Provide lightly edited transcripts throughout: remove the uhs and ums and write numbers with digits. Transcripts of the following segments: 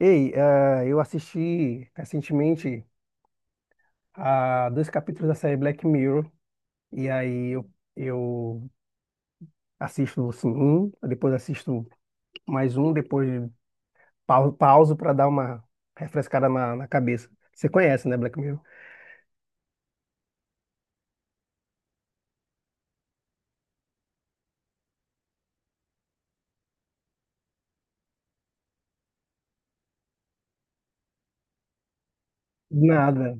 Ei, eu assisti recentemente a dois capítulos da série Black Mirror, e aí eu assisto assim, um, depois assisto mais um, depois pauso para dar uma refrescada na cabeça. Você conhece, né, Black Mirror? Nada.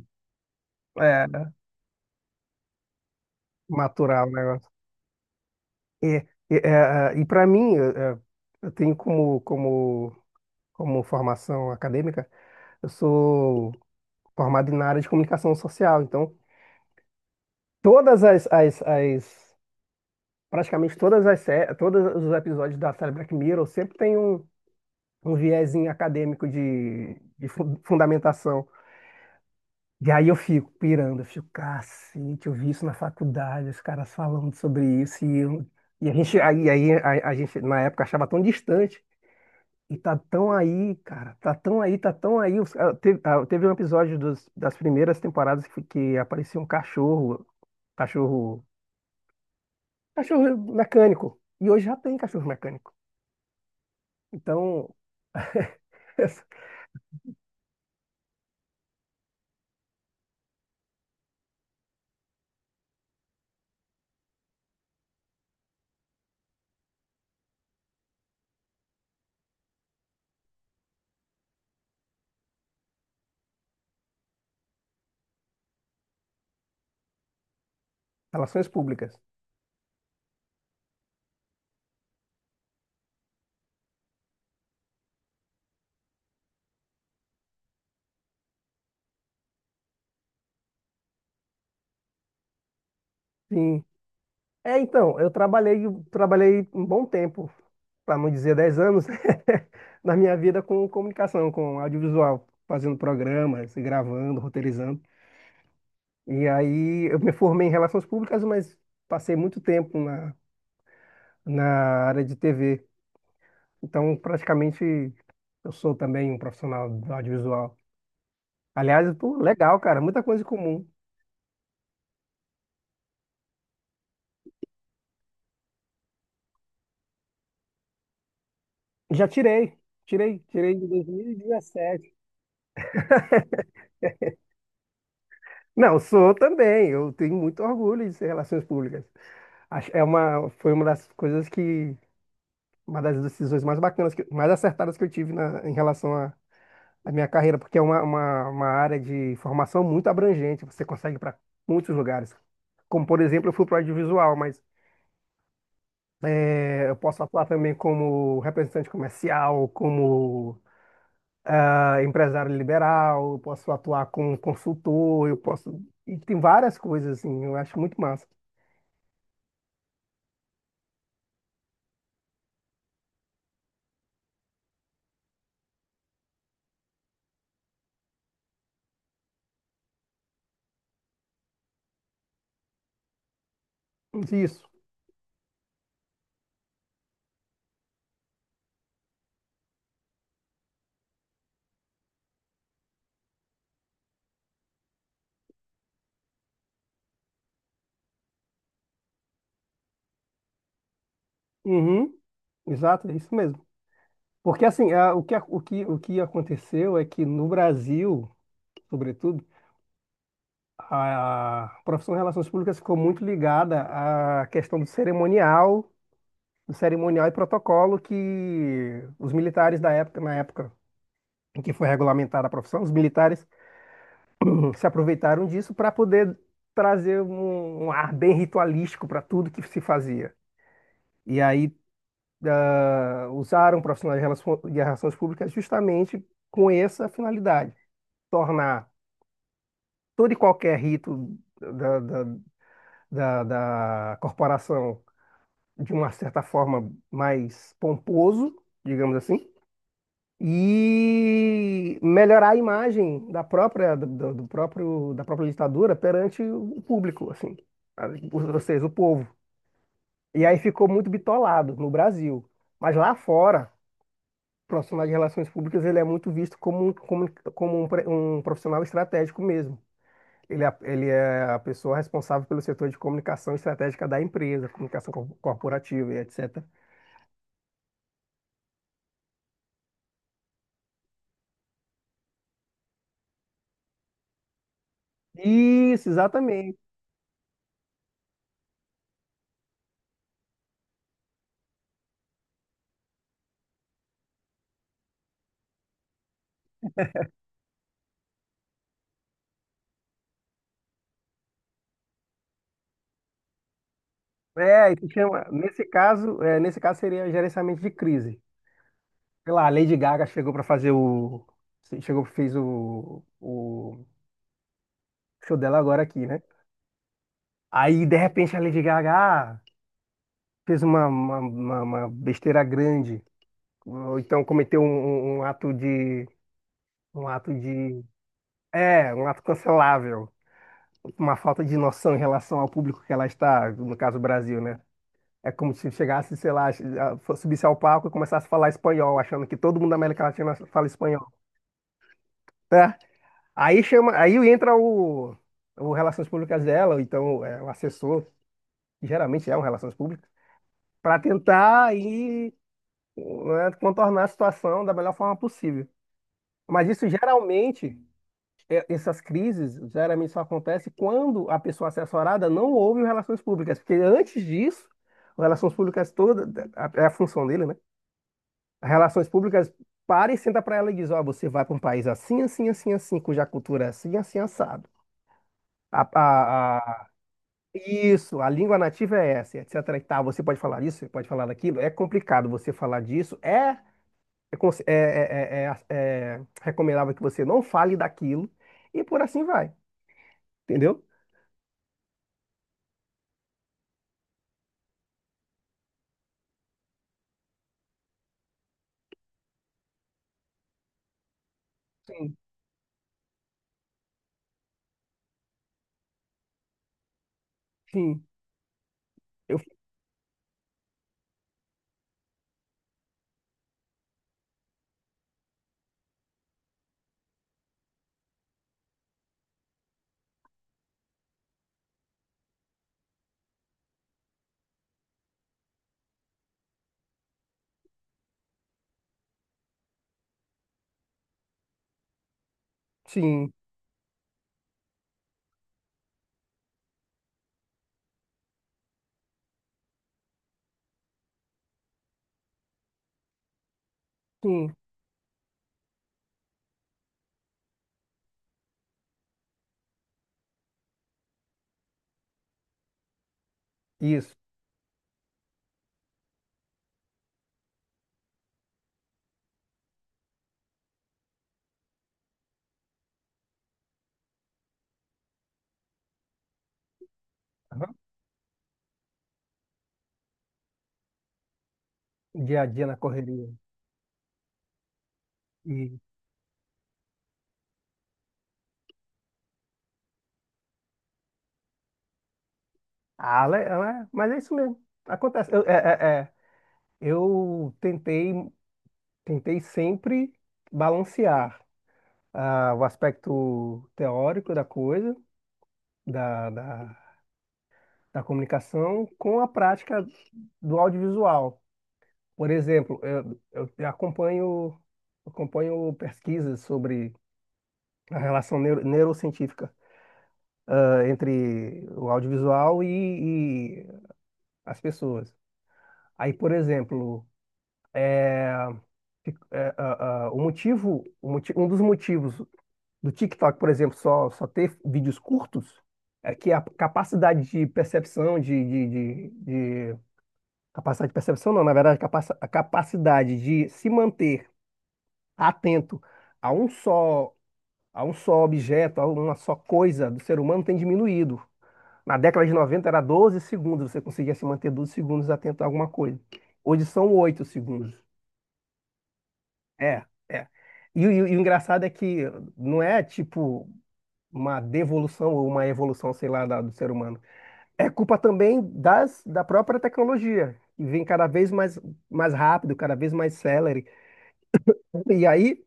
É, maturar o negócio. E para mim, eu eu tenho como formação acadêmica, eu sou formado na área de comunicação social, então todas as praticamente todos os episódios da série Black Mirror sempre tem um viezinho acadêmico de fundamentação. E aí eu fico pirando, eu fico, cacete, eu vi isso na faculdade, os caras falando sobre isso, e a gente, aí a gente na época achava tão distante, e tá tão aí, cara, tá tão aí, tá tão aí. Teve um episódio das primeiras temporadas que aparecia um cachorro, cachorro, cachorro mecânico, e hoje já tem cachorro mecânico. Então, Relações públicas. Sim. É, então, eu trabalhei um bom tempo, para não dizer 10 anos, na minha vida com comunicação, com audiovisual, fazendo programas, gravando, roteirizando. E aí eu me formei em relações públicas, mas passei muito tempo na área de TV. Então, praticamente, eu sou também um profissional do audiovisual. Aliás, pô, legal, cara, muita coisa em comum. Já tirei em 2017. Não, sou também. Eu tenho muito orgulho de ser relações públicas. Foi uma das coisas uma das decisões mais bacanas, mais acertadas que eu tive em relação à à minha carreira, porque é uma área de formação muito abrangente. Você consegue ir para muitos lugares. Como, por exemplo, eu fui para o audiovisual, mas eu posso atuar também como representante comercial, como empresário liberal, eu posso atuar como consultor, eu posso. E tem várias coisas, assim, eu acho muito massa. Isso. Uhum, exato, é isso mesmo. Porque assim, o que aconteceu é que no Brasil, sobretudo, a profissão de relações públicas ficou muito ligada à questão do cerimonial e protocolo que os militares da época, na época em que foi regulamentada a profissão, os militares se aproveitaram disso para poder trazer um ar bem ritualístico para tudo que se fazia. E aí usaram profissionais de relações públicas justamente com essa finalidade, tornar todo e qualquer rito da, da corporação de uma certa forma mais pomposo, digamos assim, e melhorar a imagem da própria do, do próprio da própria ditadura perante o público, assim, a- ou seja, o povo. E aí ficou muito bitolado no Brasil, mas lá fora profissional de relações públicas ele é muito visto como um profissional estratégico mesmo. Ele é a pessoa responsável pelo setor de comunicação estratégica da empresa, comunicação corporativa e etc. Isso, exatamente. É, isso chama, nesse caso, nesse caso seria gerenciamento de crise. Sei lá, a Lady Gaga chegou para fazer o, chegou fez o show dela agora aqui, né? Aí de repente a Lady Gaga ah, fez uma besteira grande. Ou então cometeu um ato de. Um ato de. É, um ato cancelável. Uma falta de noção em relação ao público que ela está, no caso, o Brasil, né? É como se chegasse, sei lá, subisse ao palco e começasse a falar espanhol, achando que todo mundo da América Latina fala espanhol. Tá? Aí chama, aí entra o Relações Públicas dela, ou então é, o assessor, que geralmente é um Relações Públicas, para tentar aí, né, contornar a situação da melhor forma possível. Mas isso geralmente, essas crises geralmente só acontecem quando a pessoa assessorada não ouve o relações públicas, porque antes disso, o relações públicas toda é a função dele, né? As relações públicas para e senta para ela e diz: ó, você vai para um país assim, assim, assim, assim, cuja cultura é assim, assim, assado. A, a- a- isso, a língua nativa é essa, etc. e tal. Você pode falar isso, você pode falar daquilo. É complicado você falar disso. É, conse- é, é é recomendável que você não fale daquilo. E por assim vai, entendeu? Sim. Sim. Eu, sim, sim, isso. Aham. Dia a dia na correria. E, mas é isso mesmo. Acontece. Eu. Eu tentei sempre balancear o aspecto teórico da coisa, da, da, da comunicação, com a prática do audiovisual. Por exemplo, eu acompanho pesquisas sobre a relação neurocientífica entre o audiovisual e as pessoas. Aí, por exemplo, fi- é, ah, ah, o motivo, o moti- um dos motivos do TikTok, por exemplo, só ter vídeos curtos é que a capacidade de percepção, de, de- capacidade de percepção, não, na verdade, a capacidade de se manter atento a um só, a um só objeto, a uma só coisa do ser humano tem diminuído. Na década de 90 era 12 segundos, você conseguia se manter 12 segundos atento a alguma coisa. Hoje são 8 segundos. É, é. E o engraçado é que não é tipo uma devolução ou uma evolução, sei lá, da- do ser humano. É culpa também da própria tecnologia, que vem cada vez mais, mais rápido, cada vez mais celere. E aí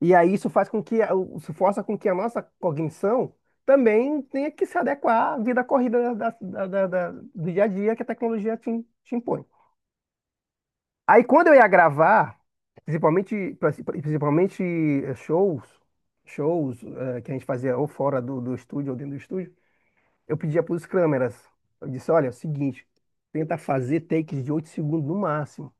E aí isso faz com que, isso força com que a nossa cognição também tenha que se adequar à vida corrida do dia a dia que a tecnologia te impõe. Aí quando eu ia gravar, principalmente eh, shows, shows, que a gente fazia ou fora do estúdio ou dentro do estúdio, eu pedia para os câmeras, eu disse, olha, é o seguinte, tenta fazer takes de 8 segundos no máximo.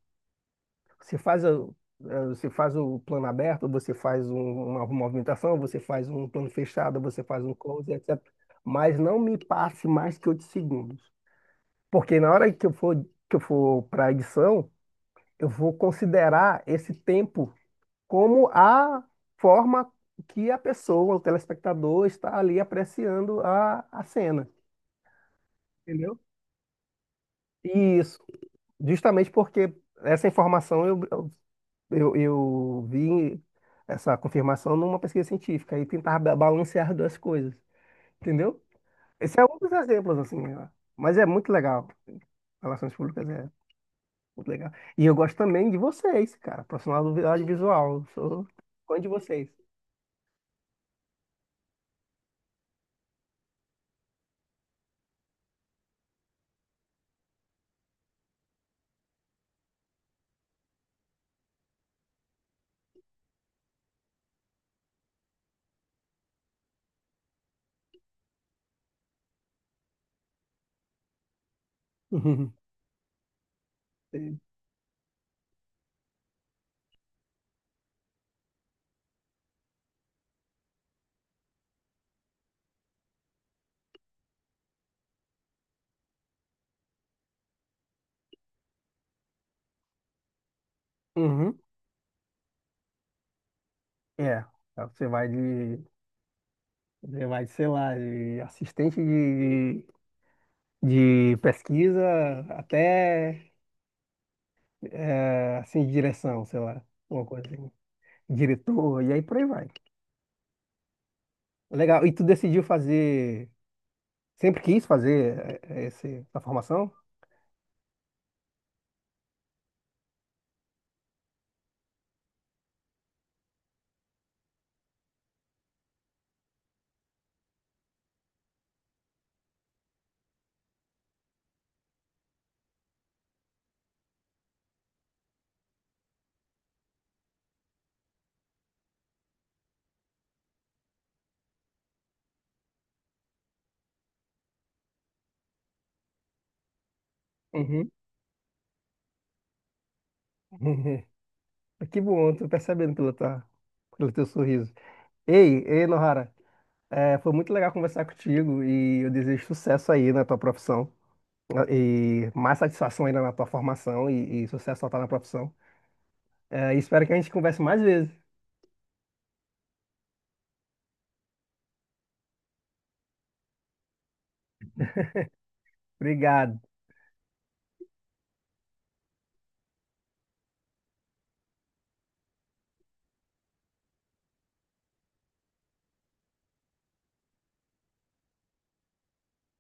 Você faz o plano aberto, uma movimentação, você faz um plano fechado, você faz um close, etc. Mas não me passe mais que 8 segundos. Porque na hora que eu for para a edição, eu vou considerar esse tempo como a forma que a pessoa, o telespectador, está ali apreciando a cena. Entendeu? Isso. Justamente porque essa informação eu vi essa confirmação numa pesquisa científica e tentar balancear duas coisas, entendeu? Esse é um dos exemplos, assim, ó. Mas é muito legal. Relações públicas é muito legal. E eu gosto também de vocês, cara, profissional do audiovisual. Eu sou fã de vocês. Uhum. Sim. Uhum. É, você vai de, você vai de, sei lá, de assistente de pesquisa até assim, de direção, sei lá, uma coisa assim, diretor, e aí por aí vai. Legal, e tu decidiu fazer, sempre quis fazer essa formação? Uhum. Que bom, tô percebendo pelo, tua, pelo teu sorriso. Ei, ei, Nohara, é, foi muito legal conversar contigo e eu desejo sucesso aí na tua profissão. Né, e mais satisfação ainda na tua formação e sucesso total na profissão. É, e espero que a gente converse mais vezes. Obrigado.